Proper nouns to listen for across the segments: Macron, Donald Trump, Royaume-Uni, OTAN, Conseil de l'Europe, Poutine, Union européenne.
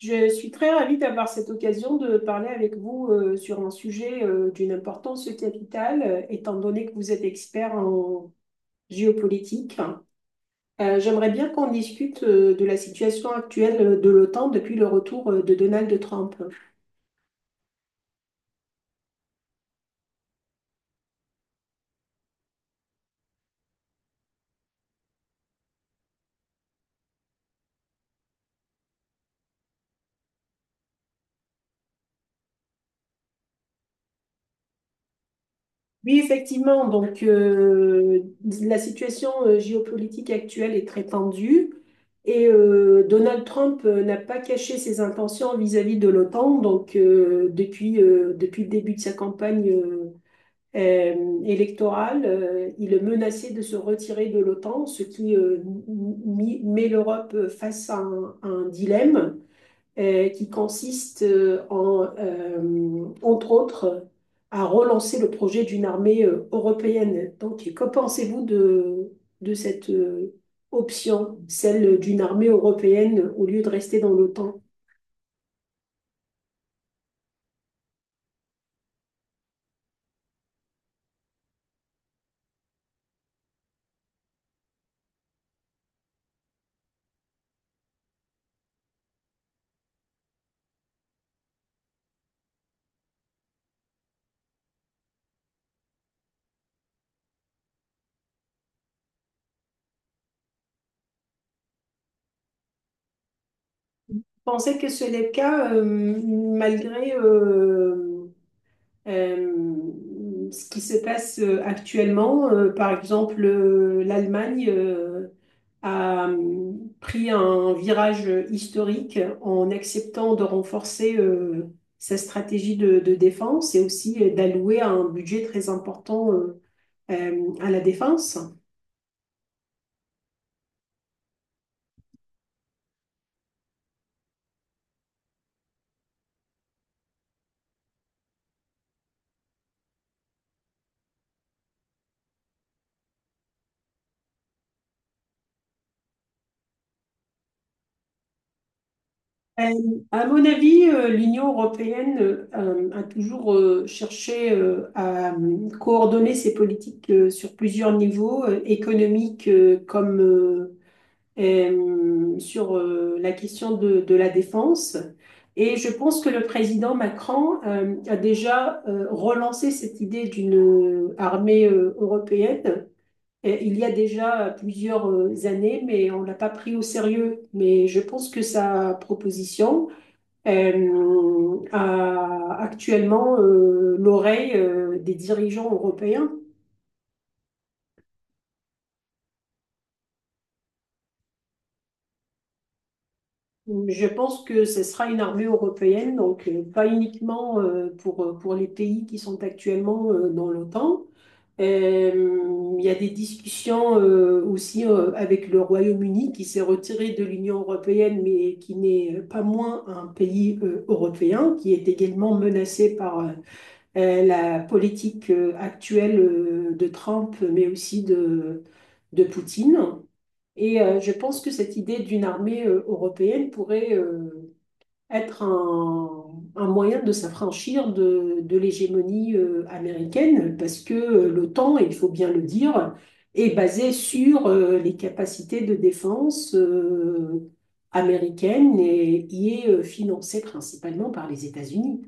Je suis très ravie d'avoir cette occasion de parler avec vous sur un sujet d'une importance capitale, étant donné que vous êtes expert en géopolitique. J'aimerais bien qu'on discute de la situation actuelle de l'OTAN depuis le retour de Donald Trump. Oui, effectivement. Donc, la situation géopolitique actuelle est très tendue et Donald Trump n'a pas caché ses intentions vis-à-vis de l'OTAN. Donc, depuis le début de sa campagne électorale, il menaçait de se retirer de l'OTAN, ce qui met l'Europe face à à un dilemme qui consiste en entre autres, à relancer le projet d'une armée européenne. Donc, que pensez-vous de cette option, celle d'une armée européenne au lieu de rester dans l'OTAN? Pensez que ce n'est le cas malgré ce qui se passe actuellement, par exemple, l'Allemagne a pris un virage historique en acceptant de renforcer sa stratégie de défense et aussi d'allouer un budget très important à la défense. Euh, À mon avis, l'Union européenne a toujours cherché à coordonner ses politiques sur plusieurs niveaux, économiques comme sur la question de la défense. Et je pense que le président Macron a déjà relancé cette idée d'une armée européenne. Et il y a déjà plusieurs années, mais on ne l'a pas pris au sérieux. Mais je pense que sa proposition, a actuellement l'oreille des dirigeants européens. Je pense que ce sera une armée européenne, donc pas uniquement pour les pays qui sont actuellement dans l'OTAN. Il y a des discussions aussi avec le Royaume-Uni qui s'est retiré de l'Union européenne, mais qui n'est pas moins un pays européen, qui est également menacé par la politique actuelle de Trump, mais aussi de Poutine. Et je pense que cette idée d'une armée européenne pourrait être un moyen de s'affranchir de l'hégémonie américaine, parce que l'OTAN, et il faut bien le dire, est basée sur les capacités de défense américaines et y est financée principalement par les États-Unis.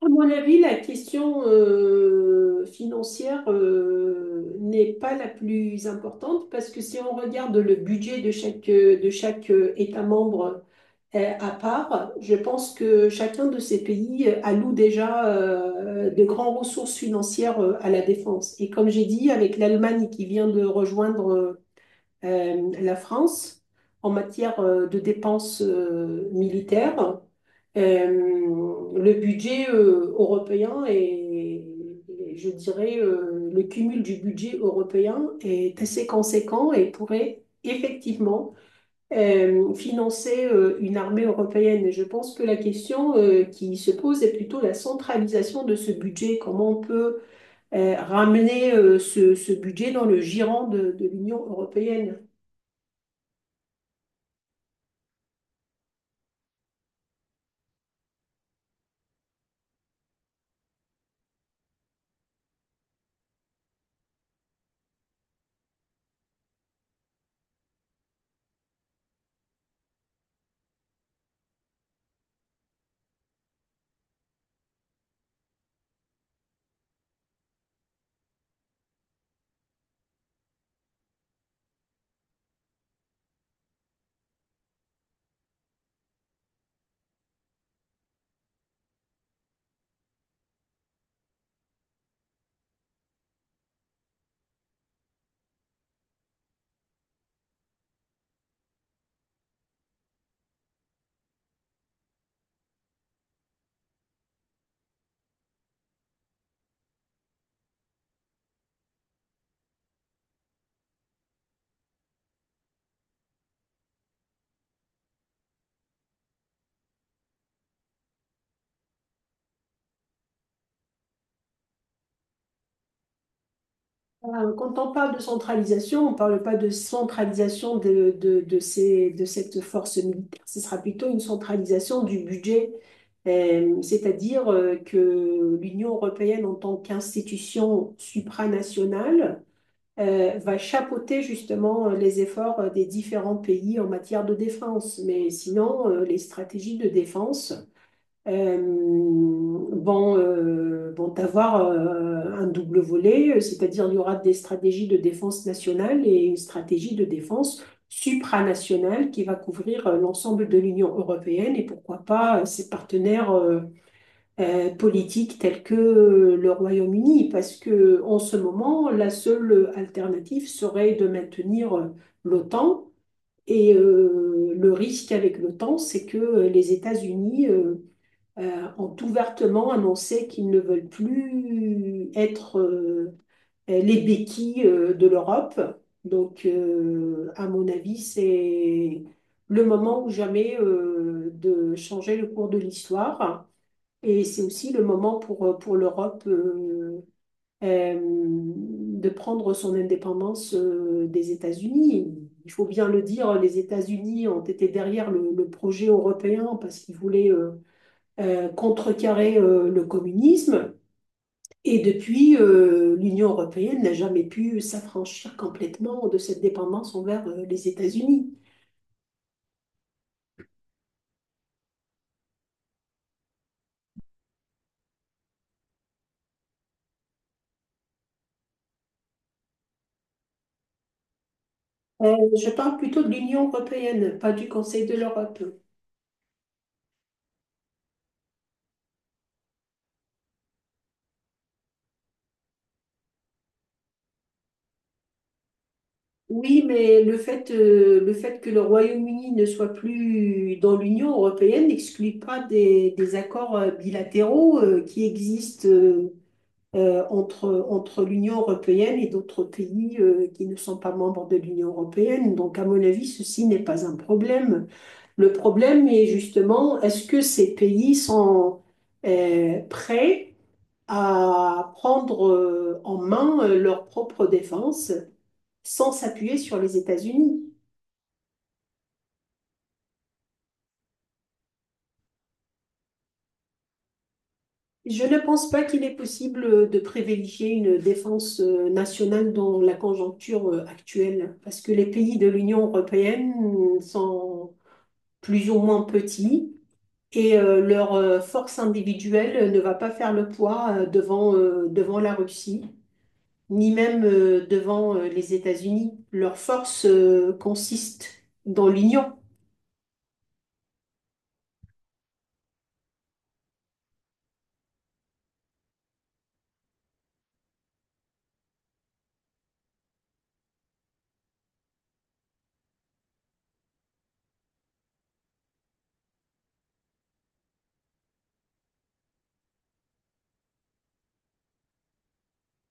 À mon avis, la question financière n'est pas la plus importante parce que si on regarde le budget de de chaque État membre à part, je pense que chacun de ces pays alloue déjà de grandes ressources financières à la défense. Et comme j'ai dit, avec l'Allemagne qui vient de rejoindre la France en matière de dépenses militaires, euh, le budget européen et je dirais, le cumul du budget européen est assez conséquent et pourrait effectivement financer une armée européenne. Et je pense que la question qui se pose est plutôt la centralisation de ce budget, comment on peut ramener ce budget dans le giron de l'Union européenne. Quand on parle de centralisation, on ne parle pas de centralisation de cette force militaire, ce sera plutôt une centralisation du budget. C'est-à-dire que l'Union européenne en tant qu'institution supranationale va chapeauter justement les efforts des différents pays en matière de défense. Mais sinon, les stratégies de défense euh, vont avoir un double volet, c'est-à-dire il y aura des stratégies de défense nationale et une stratégie de défense supranationale qui va couvrir l'ensemble de l'Union européenne et pourquoi pas ses partenaires politiques tels que le Royaume-Uni, parce que en ce moment, la seule alternative serait de maintenir l'OTAN. Et le risque avec l'OTAN, c'est que les États-Unis ont ouvertement annoncé qu'ils ne veulent plus être les béquilles de l'Europe. Donc, à mon avis, c'est le moment ou jamais de changer le cours de l'histoire. Et c'est aussi le moment pour l'Europe de prendre son indépendance des États-Unis. Il faut bien le dire, les États-Unis ont été derrière le projet européen parce qu'ils voulaient contrecarrer le communisme. Et depuis, l'Union européenne n'a jamais pu s'affranchir complètement de cette dépendance envers les États-Unis. Euh, je parle plutôt de l'Union européenne, pas du Conseil de l'Europe. Oui, mais le fait que le Royaume-Uni ne soit plus dans l'Union européenne n'exclut pas des accords bilatéraux qui existent entre l'Union européenne et d'autres pays qui ne sont pas membres de l'Union européenne. Donc, à mon avis, ceci n'est pas un problème. Le problème est justement, est-ce que ces pays sont prêts à prendre en main leur propre défense sans s'appuyer sur les États-Unis? Je ne pense pas qu'il est possible de privilégier une défense nationale dans la conjoncture actuelle, parce que les pays de l'Union européenne sont plus ou moins petits, et leur force individuelle ne va pas faire le poids devant la Russie, ni même devant les États-Unis. Leur force consiste dans l'union.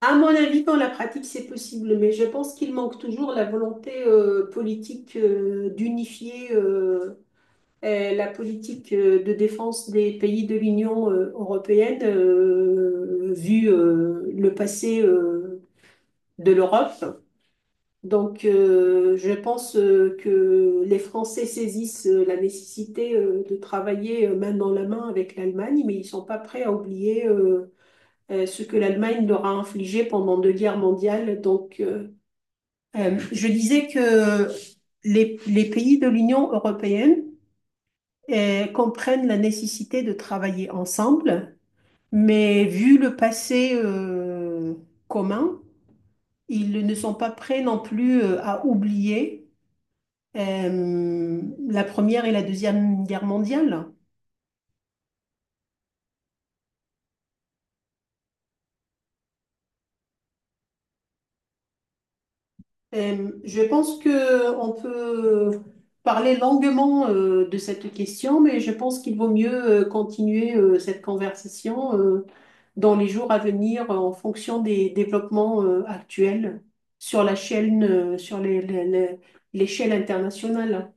À mon avis, dans la pratique, c'est possible, mais je pense qu'il manque toujours la volonté politique d'unifier la politique de défense des pays de l'Union européenne, vu le passé de l'Europe. Donc, je pense que les Français saisissent la nécessité de travailler main dans la main avec l'Allemagne, mais ils sont pas prêts à oublier ce que l'Allemagne leur a infligé pendant deux guerres mondiales. Donc, je disais que les pays de l'Union européenne comprennent la nécessité de travailler ensemble, mais vu le passé commun, ils ne sont pas prêts non plus à oublier euh, la Première et la Deuxième Guerre mondiale. Je pense que on peut parler longuement de cette question, mais je pense qu'il vaut mieux continuer cette conversation dans les jours à venir en fonction des développements actuels sur la chaîne, sur les- l'échelle internationale.